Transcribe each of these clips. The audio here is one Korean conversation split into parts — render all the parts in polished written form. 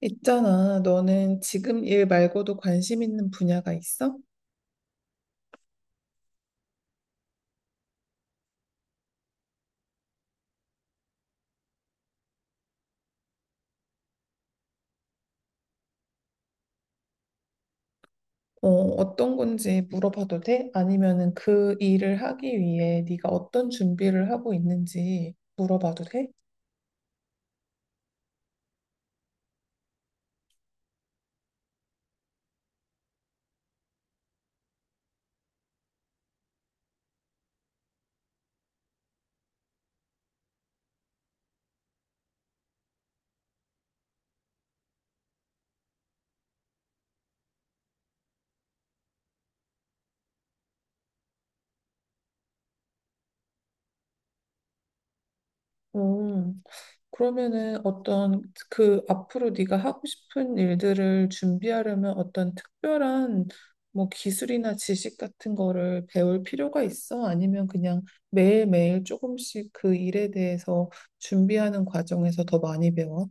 있잖아, 너는 지금 일 말고도 관심 있는 분야가 있어? 어떤 건지 물어봐도 돼? 아니면은 그 일을 하기 위해 네가 어떤 준비를 하고 있는지 물어봐도 돼? 음, 그러면은 어떤 그 앞으로 네가 하고 싶은 일들을 준비하려면 어떤 특별한 뭐 기술이나 지식 같은 거를 배울 필요가 있어? 아니면 그냥 매일매일 조금씩 그 일에 대해서 준비하는 과정에서 더 많이 배워?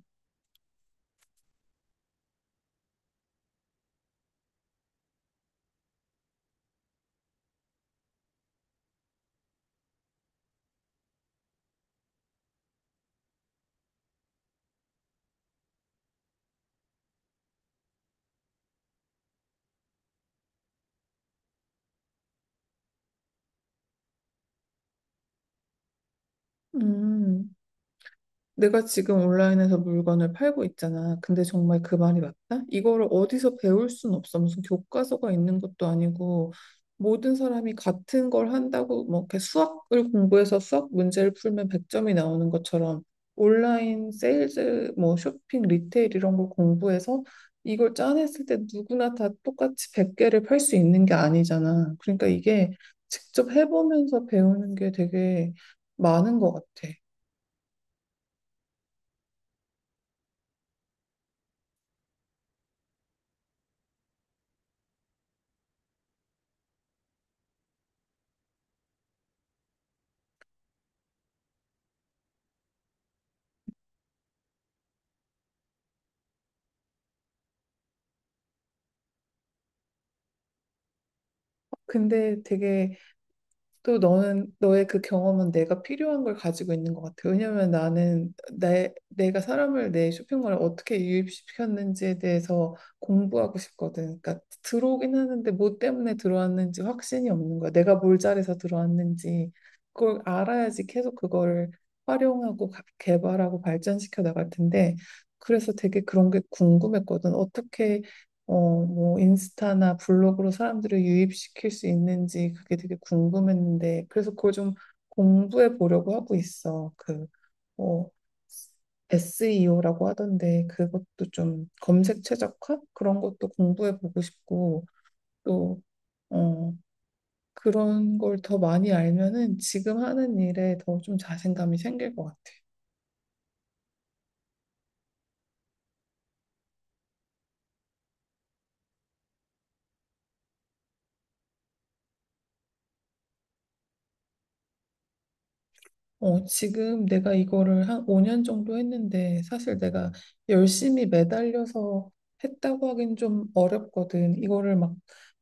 음, 내가 지금 온라인에서 물건을 팔고 있잖아. 근데 정말 그 말이 맞다? 이거를 어디서 배울 순 없어. 무슨 교과서가 있는 것도 아니고 모든 사람이 같은 걸 한다고 뭐 이렇게 수학을 공부해서 수학 문제를 풀면 100점이 나오는 것처럼 온라인 세일즈 뭐 쇼핑 리테일 이런 걸 공부해서 이걸 짜냈을 때 누구나 다 똑같이 100개를 팔 수 있는 게 아니잖아. 그러니까 이게 직접 해보면서 배우는 게 되게 많은 것 같아. 근데 되게 또 너는 너의 그 경험은 내가 필요한 걸 가지고 있는 것 같아. 왜냐면 나는 내가 사람을 내 쇼핑몰에 어떻게 유입시켰는지에 대해서 공부하고 싶거든. 그러니까 들어오긴 하는데 뭐 때문에 들어왔는지 확신이 없는 거야. 내가 뭘 잘해서 들어왔는지 그걸 알아야지 계속 그거를 활용하고 개발하고 발전시켜 나갈 텐데 그래서 되게 그런 게 궁금했거든. 어떻게 인스타나 블로그로 사람들을 유입시킬 수 있는지 그게 되게 궁금했는데, 그래서 그걸 좀 공부해 보려고 하고 있어. 어, SEO라고 하던데, 그것도 좀 검색 최적화? 그런 것도 공부해 보고 싶고, 또, 어, 그런 걸 더 많이 알면은 지금 하는 일에 더 좀 자신감이 생길 것 같아. 어, 지금 내가 이거를 한 5년 정도 했는데 사실 내가 열심히 매달려서 했다고 하긴 좀 어렵거든. 이거를 막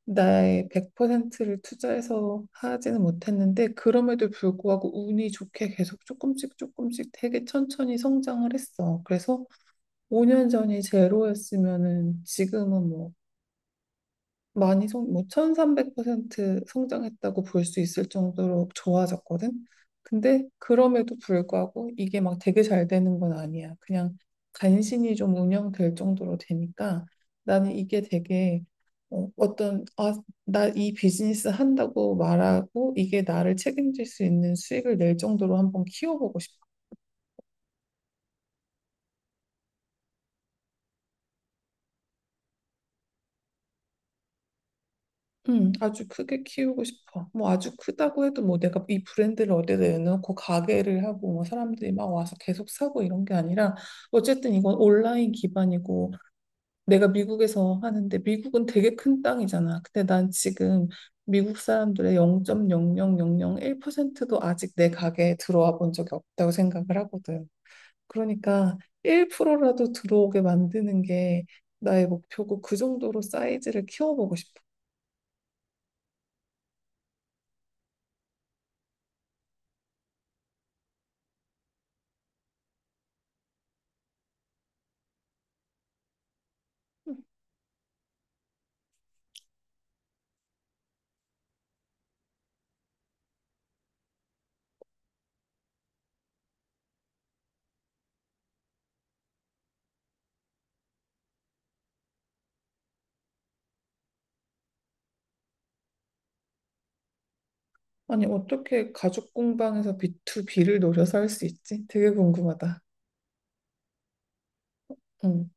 나의 100%를 투자해서 하지는 못했는데 그럼에도 불구하고 운이 좋게 계속 조금씩 조금씩 되게 천천히 성장을 했어. 그래서 5년 전이 제로였으면은 지금은 뭐 1300% 성장했다고 볼 수 있을 정도로 좋아졌거든. 근데 그럼에도 불구하고 이게 막 되게 잘 되는 건 아니야. 그냥 간신히 좀 운영될 정도로 되니까 나는 이게 되게 어, 어떤 아, 나 이 비즈니스 한다고 말하고 이게 나를 책임질 수 있는 수익을 낼 정도로 한번 키워보고 싶어. 아주 크게 키우고 싶어. 뭐 아주 크다고 해도 뭐 내가 이 브랜드를 어디다 내놓고 가게를 하고 뭐 사람들이 막 와서 계속 사고 이런 게 아니라 어쨌든 이건 온라인 기반이고 내가 미국에서 하는데 미국은 되게 큰 땅이잖아. 근데 난 지금 미국 사람들의 0.00001%도 아직 내 가게에 들어와 본 적이 없다고 생각을 하거든. 그러니까 1%라도 들어오게 만드는 게 나의 목표고 그 정도로 사이즈를 키워보고 싶어. 아니, 어떻게 가죽 공방에서 B2B를 노려서 할 수 있지? 되게 궁금하다. 응.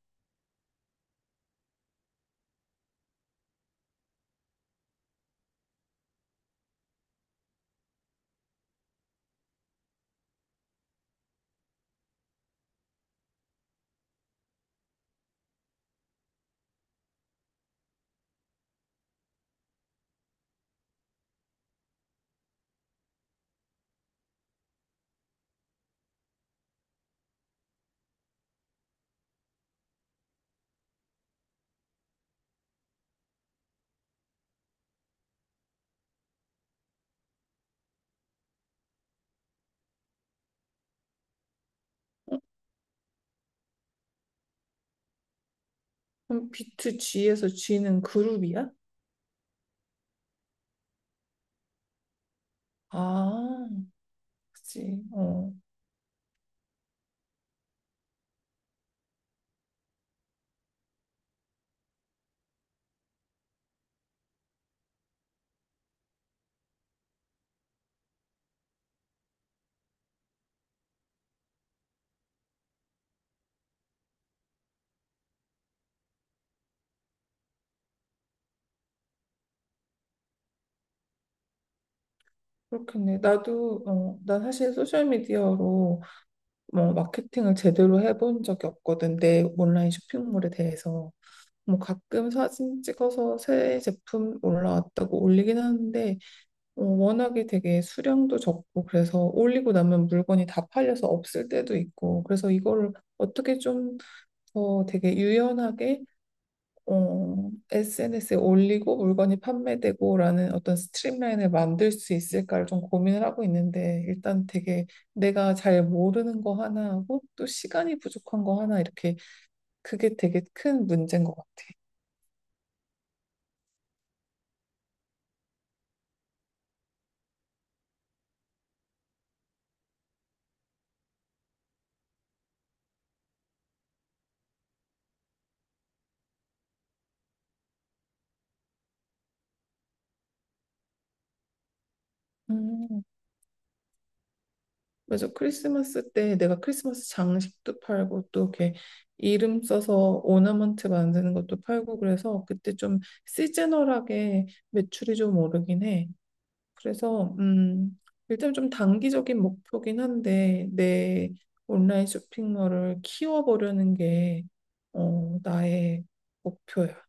어? 그럼 B2G에서 G는 그룹이야? 아, 그치. 어, 그렇겠네. 난 사실 소셜미디어로 뭐 마케팅을 제대로 해본 적이 없거든. 내 온라인 쇼핑몰에 대해서. 뭐 가끔 사진 찍어서 새 제품 올라왔다고 올리긴 하는데, 어, 워낙에 되게 수량도 적고 그래서 올리고 나면 물건이 다 팔려서 없을 때도 있고 그래서 이거를 어떻게 좀 더 되게 유연하게 어, SNS에 올리고 물건이 판매되고라는 어떤 스트림라인을 만들 수 있을까를 좀 고민을 하고 있는데 일단 되게 내가 잘 모르는 거 하나하고 또 시간이 부족한 거 하나 이렇게 그게 되게 큰 문제인 것 같아. 음. 맞아. 크리스마스 때 내가 크리스마스 장식도 팔고 또 이렇게 이름 써서 오너먼트 만드는 것도 팔고 그래서 그때 좀 시즈널하게 매출이 좀 오르긴 해. 그래서 일단 좀 단기적인 목표긴 한데 내 온라인 쇼핑몰을 키워보려는 게 어, 나의 목표야.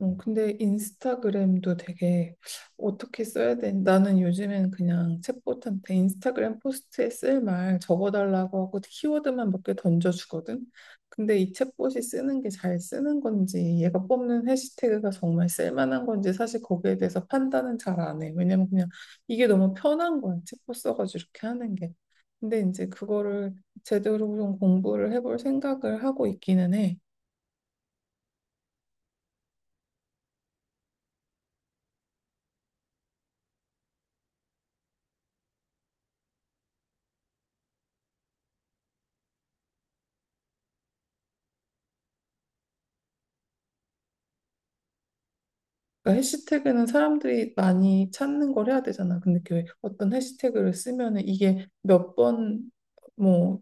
어, 근데 인스타그램도 되게 어떻게 써야 되는 나는 요즘엔 그냥 챗봇한테 인스타그램 포스트에 쓸 말 적어달라고 하고 키워드만 몇 개 던져주거든. 근데 이 챗봇이 쓰는 게 잘 쓰는 건지 얘가 뽑는 해시태그가 정말 쓸만한 건지 사실 거기에 대해서 판단은 잘 안 해. 왜냐면 그냥 이게 너무 편한 거야. 챗봇 써가지고 이렇게 하는 게. 근데 이제 그거를 제대로 좀 공부를 해볼 생각을 하고 있기는 해. 그러니까 해시태그는 사람들이 많이 찾는 걸 해야 되잖아. 근데 그 어떤 해시태그를 쓰면은 이게 몇 번 뭐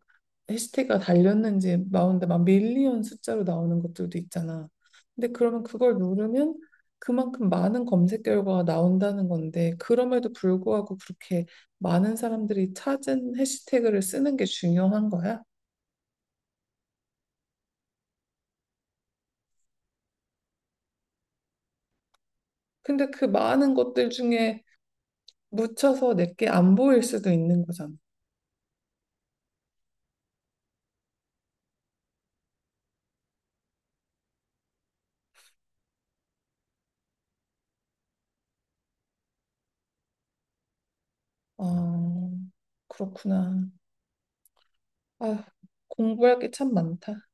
해시태그가 달렸는지 나오는데 막 밀리언 숫자로 나오는 것들도 있잖아. 근데 그러면 그걸 누르면 그만큼 많은 검색 결과가 나온다는 건데 그럼에도 불구하고 그렇게 많은 사람들이 찾은 해시태그를 쓰는 게 중요한 거야. 근데 그 많은 것들 중에 묻혀서 내게 안 보일 수도 있는 거잖아. 아, 그렇구나. 아, 공부할 게 참 많다.